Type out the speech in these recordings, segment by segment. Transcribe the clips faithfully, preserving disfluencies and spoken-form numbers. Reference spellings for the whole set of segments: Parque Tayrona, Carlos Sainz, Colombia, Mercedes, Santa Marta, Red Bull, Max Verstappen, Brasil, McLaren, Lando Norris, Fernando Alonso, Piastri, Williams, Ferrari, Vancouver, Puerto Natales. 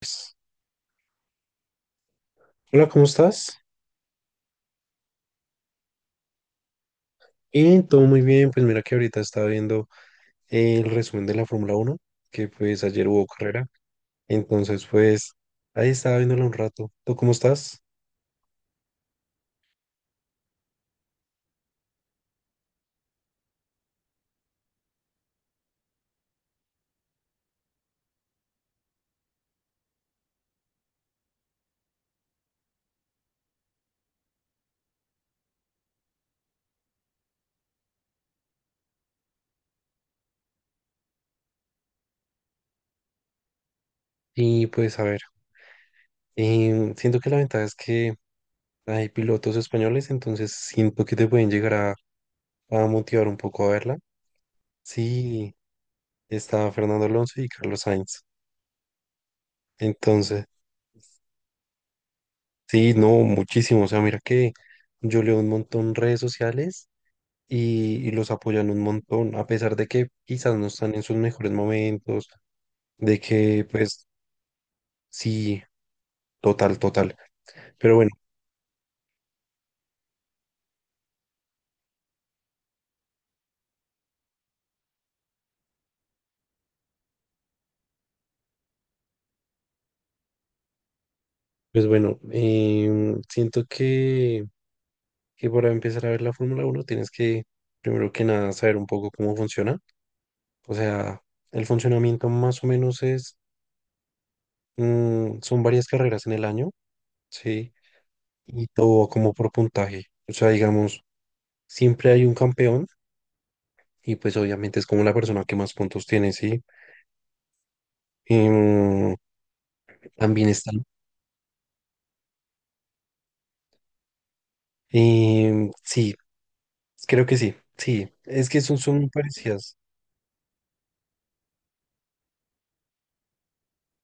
Pues, hola, ¿cómo estás? Y todo muy bien, pues mira que ahorita estaba viendo el resumen de la Fórmula Uno que pues ayer hubo carrera, entonces pues ahí estaba viéndola un rato. ¿Tú cómo estás? Y pues a ver, em, siento que la ventaja es que hay pilotos españoles, entonces siento que te pueden llegar a, a motivar un poco a verla. Sí, está Fernando Alonso y Carlos Sainz, entonces sí, no, muchísimo, o sea, mira que yo leo un montón redes sociales y, y los apoyan un montón, a pesar de que quizás no están en sus mejores momentos, de que pues sí, total, total. Pero bueno, pues bueno, em, siento que, que para empezar a ver la Fórmula uno tienes que, primero que nada, saber un poco cómo funciona. O sea, el funcionamiento más o menos es, mm, son varias carreras en el año, ¿sí? Y todo como por puntaje. O sea, digamos, siempre hay un campeón y pues obviamente es como la persona que más puntos tiene, ¿sí? Em, también están. Em, sí, creo que sí. Sí, es que son, son muy parecidas.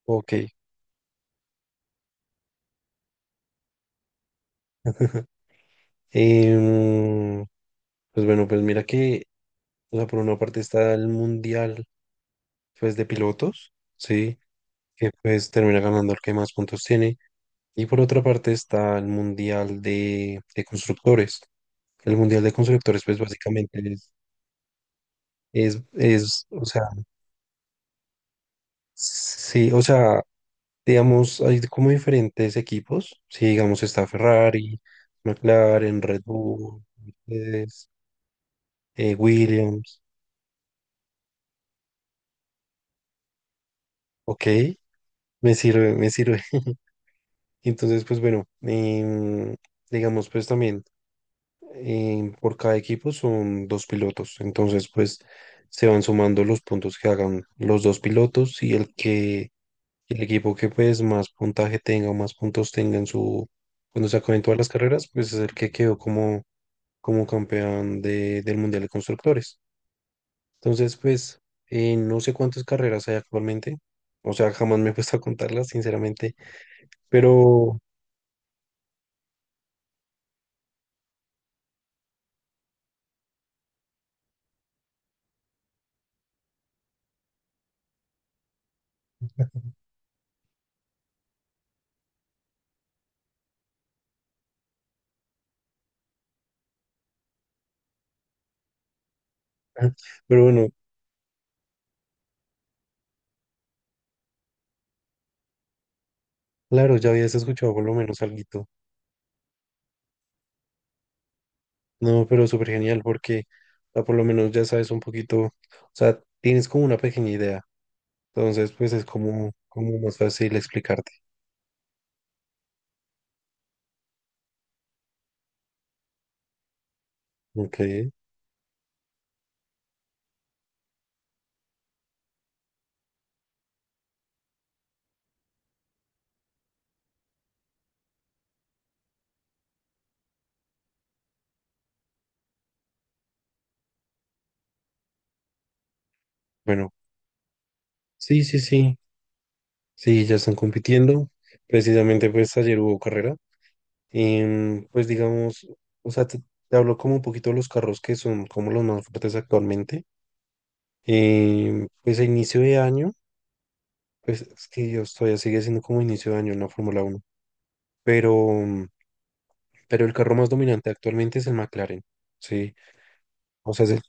Ok. Em, pues bueno, pues mira que, o sea, por una parte está el mundial, pues de pilotos, sí, que pues termina ganando el que más puntos tiene. Y por otra parte está el mundial de, de constructores. El mundial de constructores, pues básicamente es, es, es, o sea, sí, o sea, digamos, hay como diferentes equipos. Sí, digamos, está Ferrari, McLaren, Red Bull, Mercedes, eh, Williams. Ok, me sirve, me sirve. Entonces, pues bueno, em, digamos, pues también em, por cada equipo son dos pilotos. Entonces, pues se van sumando los puntos que hagan los dos pilotos y el que, el equipo que pues más puntaje tenga o más puntos tenga en su, cuando se acaben todas las carreras, pues es el que quedó como como campeón de- del Mundial de Constructores. Entonces, pues, eh, no sé cuántas carreras hay actualmente. O sea, jamás me he puesto a contarlas, sinceramente. Pero, pero bueno, claro, ya habías escuchado por lo menos alguito. No, pero súper genial porque ah, por lo menos ya sabes un poquito, o sea, tienes como una pequeña idea. Entonces, pues es como, como más fácil explicarte. Ok, bueno, sí, sí, sí, sí, ya están compitiendo. Precisamente, pues ayer hubo carrera. Em, pues digamos, o sea, te, te hablo como un poquito de los carros que son como los más fuertes actualmente. Em, pues a inicio de año, pues es que yo todavía sigue siendo como inicio de año en la Fórmula Uno pero, pero el carro más dominante actualmente es el McLaren, ¿sí? O sea, es el-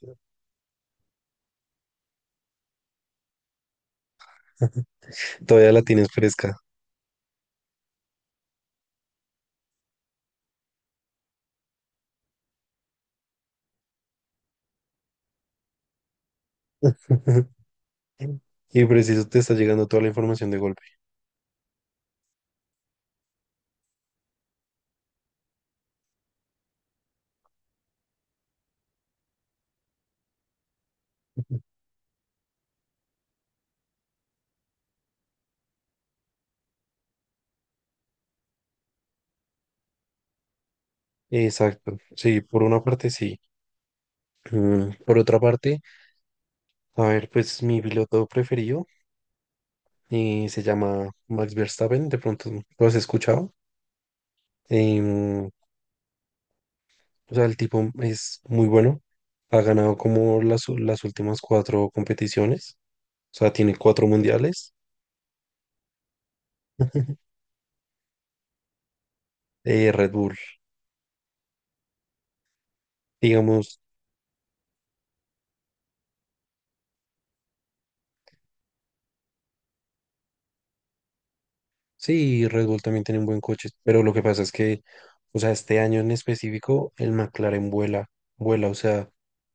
todavía la tienes fresca. Y preciso te está llegando toda la información de golpe. Exacto, sí, por una parte sí. Mm, por otra parte, a ver, pues mi piloto preferido. Y se llama Max Verstappen, de pronto lo has escuchado. Em, o sea, el tipo es muy bueno, ha ganado como las, u- las últimas cuatro competiciones, o sea, tiene cuatro mundiales. Eh, Red Bull, digamos, sí, Red Bull también tiene un buen coche, pero lo que pasa es que, o sea, este año en específico, el McLaren vuela, vuela, o sea,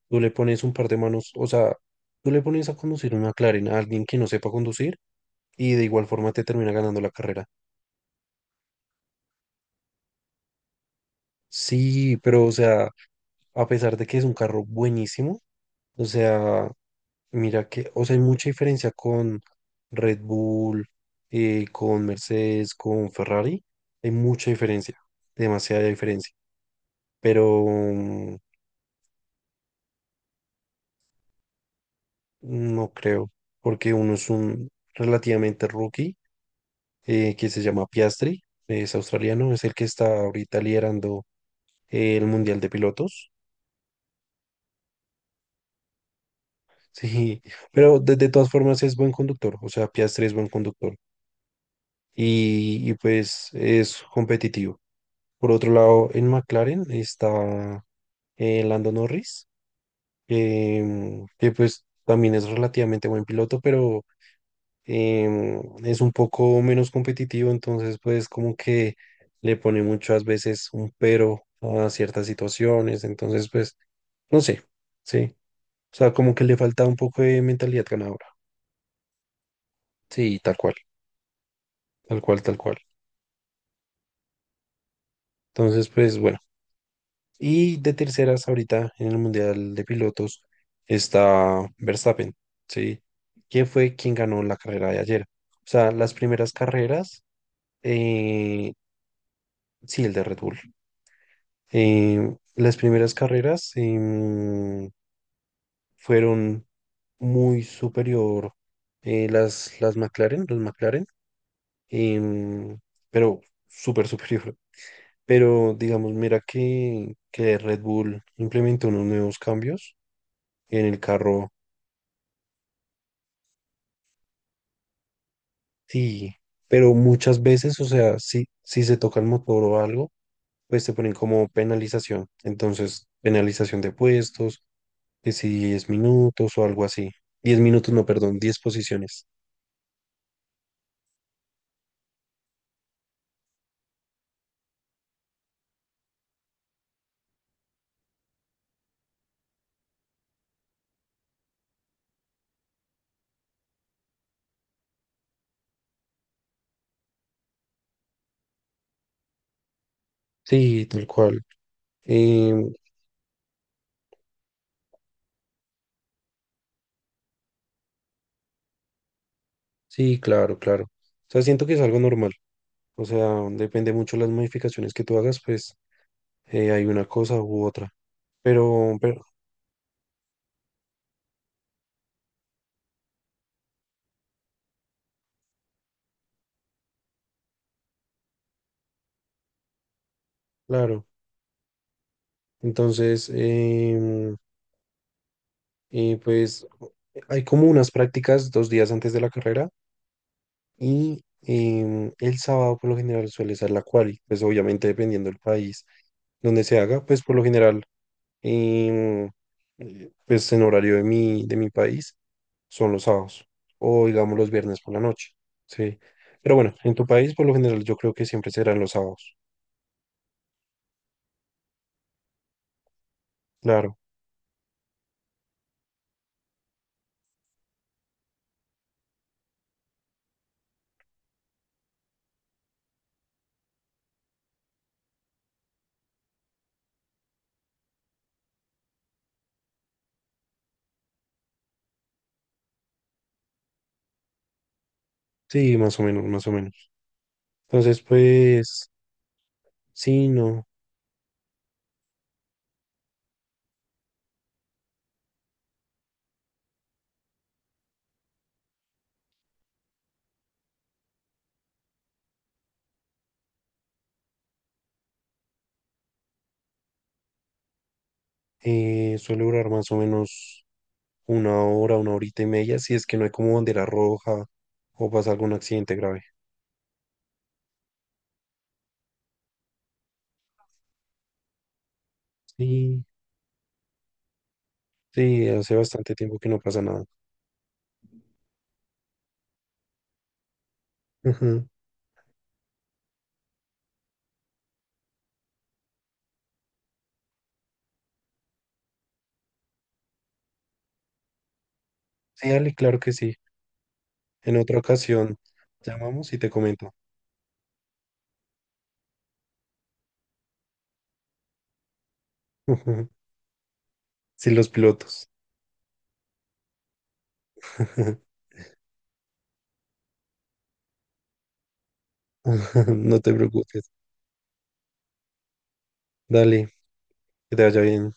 tú le pones un par de manos, o sea, tú le pones a conducir un McLaren a alguien que no sepa conducir y de igual forma te termina ganando la carrera. Sí, pero o sea, a pesar de que es un carro buenísimo, o sea, mira que, o sea, hay mucha diferencia con Red Bull, eh, con Mercedes, con Ferrari, hay mucha diferencia, demasiada diferencia, pero mm, no creo, porque uno es un relativamente rookie eh, que se llama Piastri, es australiano, es el que está ahorita liderando eh, el Mundial de Pilotos. Sí, pero de, de todas formas es buen conductor, o sea, Piastri es buen conductor y, y pues es competitivo. Por otro lado, en McLaren está eh, Lando Norris, em, que pues también es relativamente buen piloto, pero em, es un poco menos competitivo, entonces pues como que le pone muchas veces un pero a ciertas situaciones, entonces pues no sé, sí, o sea, como que le falta un poco de mentalidad ganadora, sí, tal cual. Tal cual, tal cual. Entonces, pues bueno. Y de terceras ahorita en el Mundial de Pilotos está Verstappen, ¿sí? ¿Quién fue quien ganó la carrera de ayer? O sea, las primeras carreras, eh, sí, el de Red Bull. Eh, las primeras carreras em, fueron muy superior eh, las, las McLaren, los McLaren, em, pero súper superior. Pero digamos, mira que, que Red Bull implementó unos nuevos cambios en el carro, sí, pero muchas veces, o sea, si, si se toca el motor o algo, pues te ponen como penalización. Entonces, penalización de puestos, que si diez minutos o algo así. Diez minutos, no, perdón, diez posiciones. Sí, tal cual. Em, sí, claro, claro. O sea, siento que es algo normal. O sea, depende mucho las modificaciones que tú hagas, pues eh, hay una cosa u otra. Pero, pero claro, entonces, em, eh, pues hay como unas prácticas dos días antes de la carrera y em, el sábado por lo general suele ser la quali, pues obviamente dependiendo del país donde se haga, pues por lo general, em, eh, pues en horario de mi, de mi país son los sábados o digamos los viernes por la noche, sí. Pero bueno, en tu país por lo general yo creo que siempre serán los sábados, claro, sí, más o menos, más o menos. Entonces, pues, sí, no. Eh, suele durar más o menos una hora, una horita y media, si es que no hay como bandera roja o pasa algún accidente grave. Sí, sí, hace bastante tiempo que no pasa nada. Ujú. Sí, Ale, claro que sí. En otra ocasión llamamos y te comento. Ujú. Sí, los pilotos. No te preocupes. Dale, que te vaya bien.